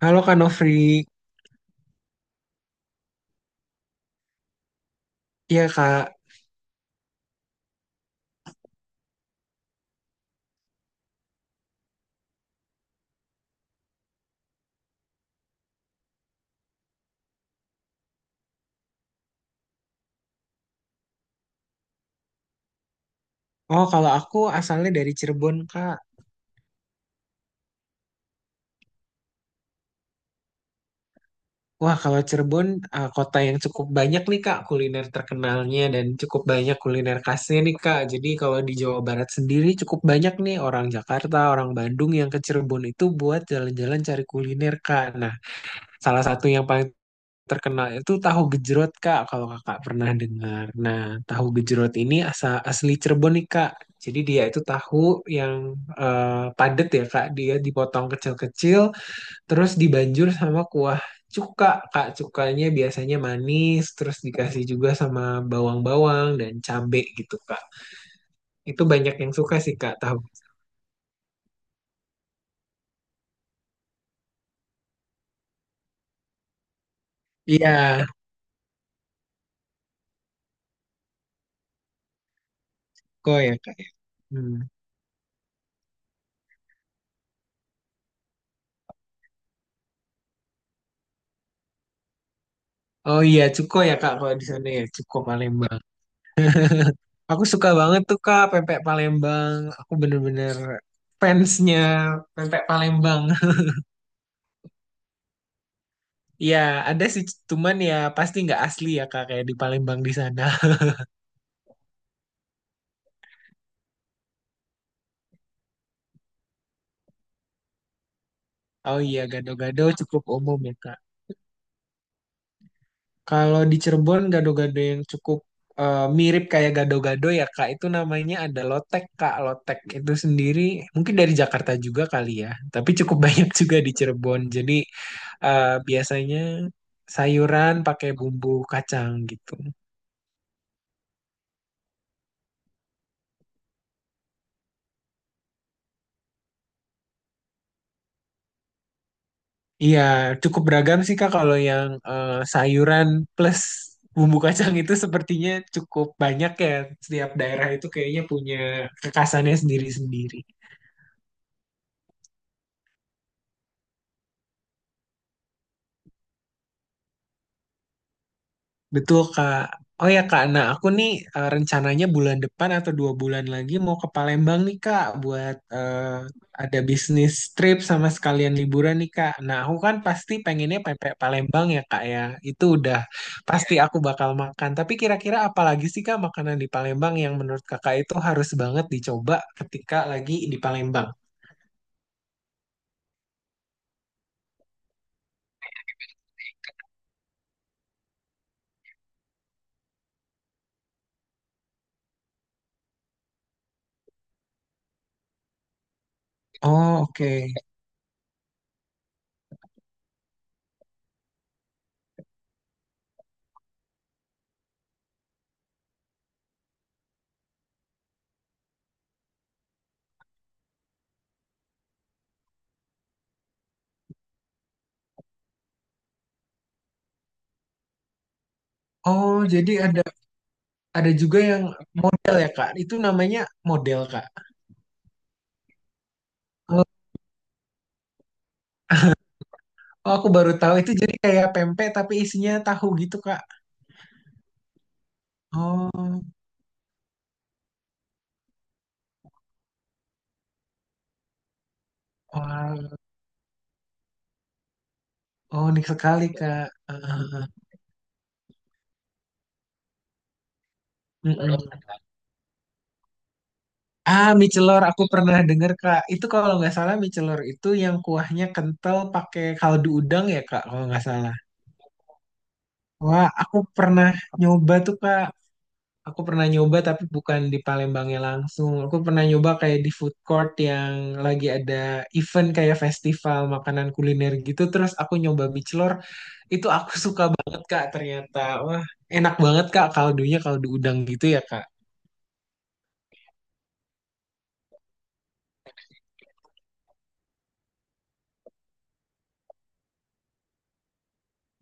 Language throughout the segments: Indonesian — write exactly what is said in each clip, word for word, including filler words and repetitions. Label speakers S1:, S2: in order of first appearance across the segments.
S1: Halo Kak Nofri, iya Kak. Oh kalau aku asalnya dari Cirebon Kak. Wah kalau Cirebon eh, kota yang cukup banyak nih Kak kuliner terkenalnya dan cukup banyak kuliner khasnya nih Kak. Jadi kalau di Jawa Barat sendiri cukup banyak nih orang Jakarta, orang Bandung yang ke Cirebon itu buat jalan-jalan cari kuliner Kak. Nah, salah satu yang paling terkenal itu tahu gejrot Kak, kalau Kakak pernah dengar. Nah, tahu gejrot ini asa asli Cirebon nih Kak. Jadi dia itu tahu yang eh, padat ya Kak, dia dipotong kecil-kecil, terus dibanjur sama kuah cuka Kak. Cukanya biasanya manis, terus dikasih juga sama bawang-bawang dan cabe gitu Kak. Itu banyak yang suka sih Kak tahu. Iya, kok ya Kak. Hmm. Oh iya, cuko ya Kak kalau di sana ya, cuko Palembang. Aku suka banget tuh Kak pempek Palembang. Aku bener-bener fansnya pempek Palembang. Iya, ada sih, cuman ya pasti nggak asli ya Kak kayak di Palembang di sana. Oh iya, gado-gado cukup umum ya Kak. Kalau di Cirebon gado-gado yang cukup eh, mirip kayak gado-gado ya Kak, itu namanya ada lotek Kak. Lotek itu sendiri mungkin dari Jakarta juga kali ya, tapi cukup banyak juga di Cirebon. Jadi eh, biasanya sayuran pakai bumbu kacang gitu. Iya, cukup beragam sih Kak kalau yang eh, sayuran plus bumbu kacang itu sepertinya cukup banyak ya. Setiap daerah itu kayaknya punya kekhasannya sendiri-sendiri. Betul, Kak. Oh ya, Kak. Nah, aku nih eh, rencananya bulan depan atau dua bulan lagi mau ke Palembang nih, Kak, buat eh, ada bisnis trip sama sekalian liburan nih, Kak. Nah, aku kan pasti pengennya pempek Palembang ya, Kak ya. Itu udah pasti aku bakal makan. Tapi kira-kira apa lagi sih, Kak, makanan di Palembang yang menurut Kakak itu harus banget dicoba ketika lagi di Palembang? Oh, oke. Oh, jadi ada ada juga yang model ya, Kak. Itu namanya model, Kak. Oh, aku baru tahu itu jadi kayak pempek tapi isinya tahu gitu, Kak. Oh, wah. Oh, unik sekali, Kak. Ah, ah, ah. Mm-mm. Ah, mie celor aku pernah dengar, Kak. Itu kalau nggak salah mie celor itu yang kuahnya kental pakai kaldu udang ya, Kak, kalau nggak salah. Wah, aku pernah nyoba tuh, Kak. Aku pernah nyoba tapi bukan di Palembangnya langsung. Aku pernah nyoba kayak di food court yang lagi ada event kayak festival makanan kuliner gitu. Terus aku nyoba mie celor. Itu aku suka banget Kak ternyata. Wah, enak banget Kak kaldunya kaldu udang gitu ya Kak.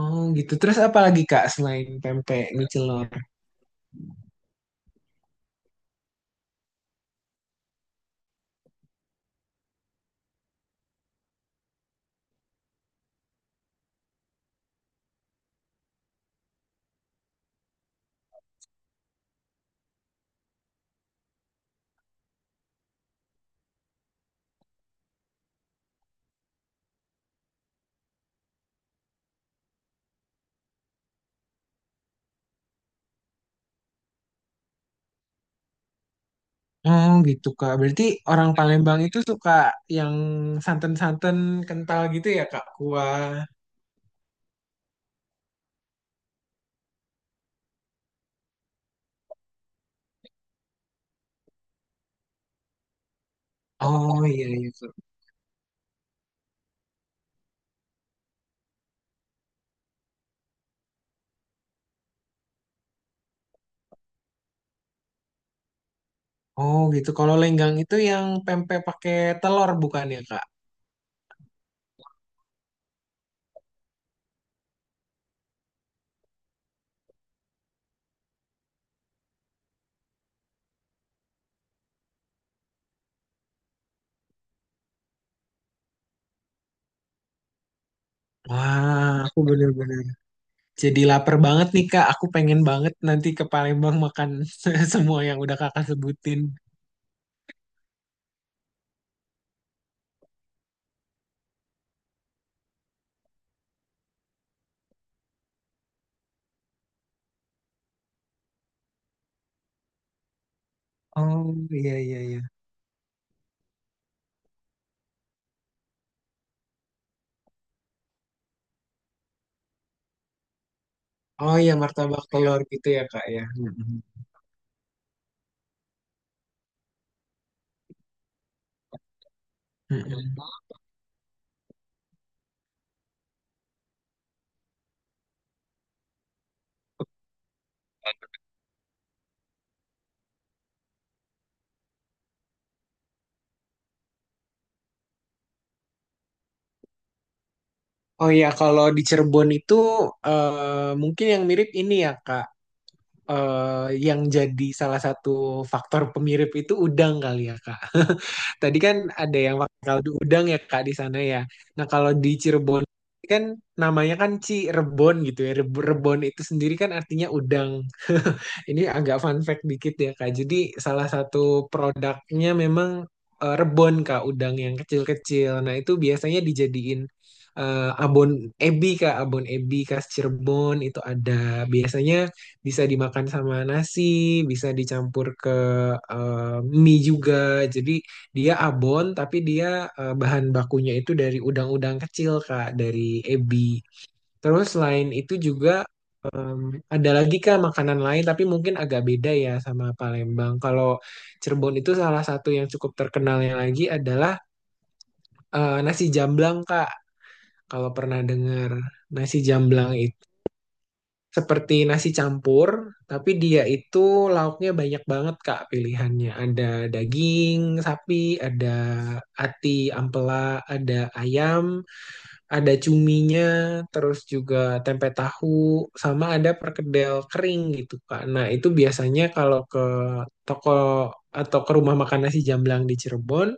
S1: Oh gitu. Terus apa lagi Kak selain pempek mie celor? Oh gitu Kak. Berarti orang Palembang itu suka yang santan-santan kental gitu ya Kak? Kuah. Oh iya iya Kak. Oh gitu. Kalau lenggang itu yang pempek pakai telur bukan ya Kak? Wah, aku bener-bener jadi lapar banget nih Kak. Aku pengen banget nanti ke Palembang makan semua yang udah Kakak sebutin. Oh iya iya iya. Oh iya martabak telur gitu ya Kak ya. Mm-mm. Mm-mm. Oh iya kalau di Cirebon itu eh, mungkin yang mirip ini ya Kak. Eh, yang jadi salah satu faktor pemirip itu udang kali ya Kak. Tadi kan ada yang pakai kaldu udang ya Kak di sana ya. Nah, kalau di Cirebon kan namanya kan Cirebon gitu ya. Reb- Rebon itu sendiri kan artinya udang. Ini agak fun fact dikit ya Kak. Jadi salah satu produknya memang eh, rebon Kak, udang yang kecil-kecil. Nah, itu biasanya dijadiin eh, abon ebi Kak, abon ebi khas Cirebon itu ada. Biasanya bisa dimakan sama nasi, bisa dicampur ke eh, mie juga. Jadi dia abon, tapi dia eh, bahan bakunya itu dari udang-udang kecil, Kak, dari ebi. Terus selain itu juga em, ada lagi, Kak, makanan lain, tapi mungkin agak beda ya sama Palembang. Kalau Cirebon itu salah satu yang cukup terkenalnya lagi adalah eh, nasi jamblang, Kak. Kalau pernah dengar nasi jamblang seperti nasi campur, tapi dia itu lauknya banyak banget Kak pilihannya. Ada daging sapi, ada ati ampela, ada ayam, ada cuminya, terus juga tempe tahu, sama ada perkedel kering gitu Kak. Nah, itu biasanya kalau ke toko atau ke rumah makan nasi Jamblang di Cirebon,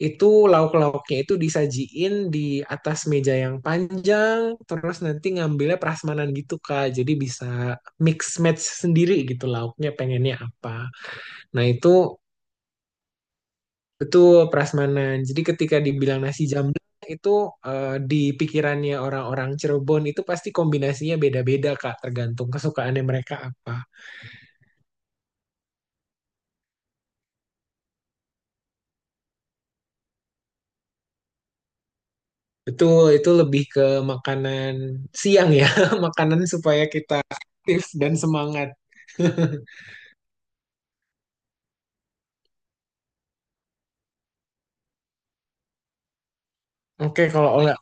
S1: itu lauk-lauknya itu disajiin di atas meja yang panjang terus nanti ngambilnya prasmanan gitu Kak jadi bisa mix match sendiri gitu lauknya pengennya apa. Nah itu itu prasmanan jadi ketika dibilang nasi jamblang itu eh, di pikirannya orang-orang Cirebon itu pasti kombinasinya beda-beda Kak tergantung kesukaannya mereka apa. Betul itu lebih ke makanan siang ya. Makanan supaya kita aktif dan semangat. Oke, kalau oleh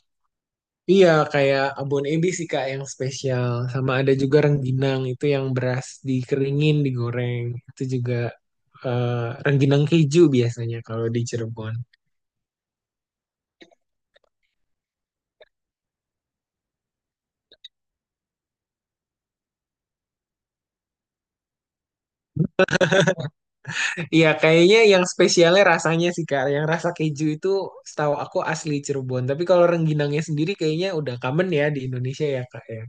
S1: iya kayak abon ebi sih Kak yang spesial. Sama ada juga rengginang itu yang beras dikeringin, digoreng. Itu juga eh, rengginang keju biasanya kalau di Cirebon. Iya, kayaknya yang spesialnya rasanya sih Kak. Yang rasa keju itu setahu aku asli Cirebon. Tapi kalau rengginangnya sendiri kayaknya udah common ya di Indonesia ya Kak ya.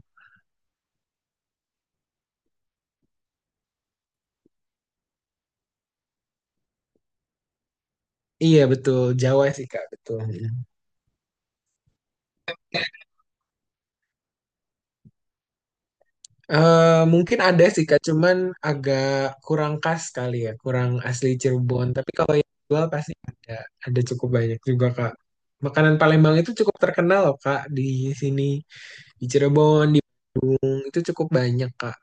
S1: Iya betul, Jawa sih Kak, betul. Eh, mungkin ada sih Kak, cuman agak kurang khas kali ya, kurang asli Cirebon. Tapi kalau yang jual pasti ada, ada cukup banyak juga Kak. Makanan Palembang itu cukup terkenal loh Kak di sini, di Cirebon, di Bung, itu cukup banyak Kak.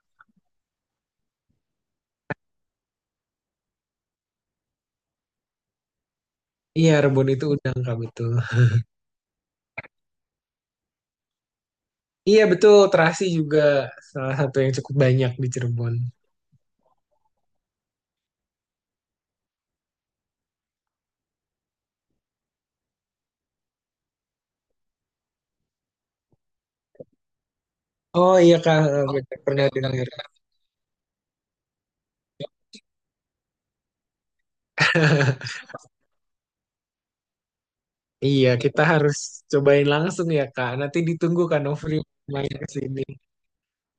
S1: Iya, rebon itu udang Kak, betul. Iya, betul, terasi juga salah satu yang cukup banyak di Cirebon. Oh iya Kak, eh, benar, pernah dengar. Iya, kita harus cobain langsung ya Kak. Nanti ditunggu Kak Novri main ke sini.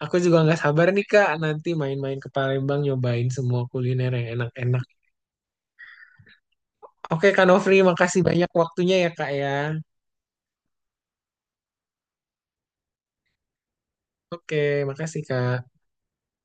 S1: Aku juga nggak sabar nih Kak, nanti main-main ke Palembang nyobain semua kuliner yang enak-enak. Oke Kak Nofri, makasih banyak waktunya ya Kak ya. Oke, makasih Kak.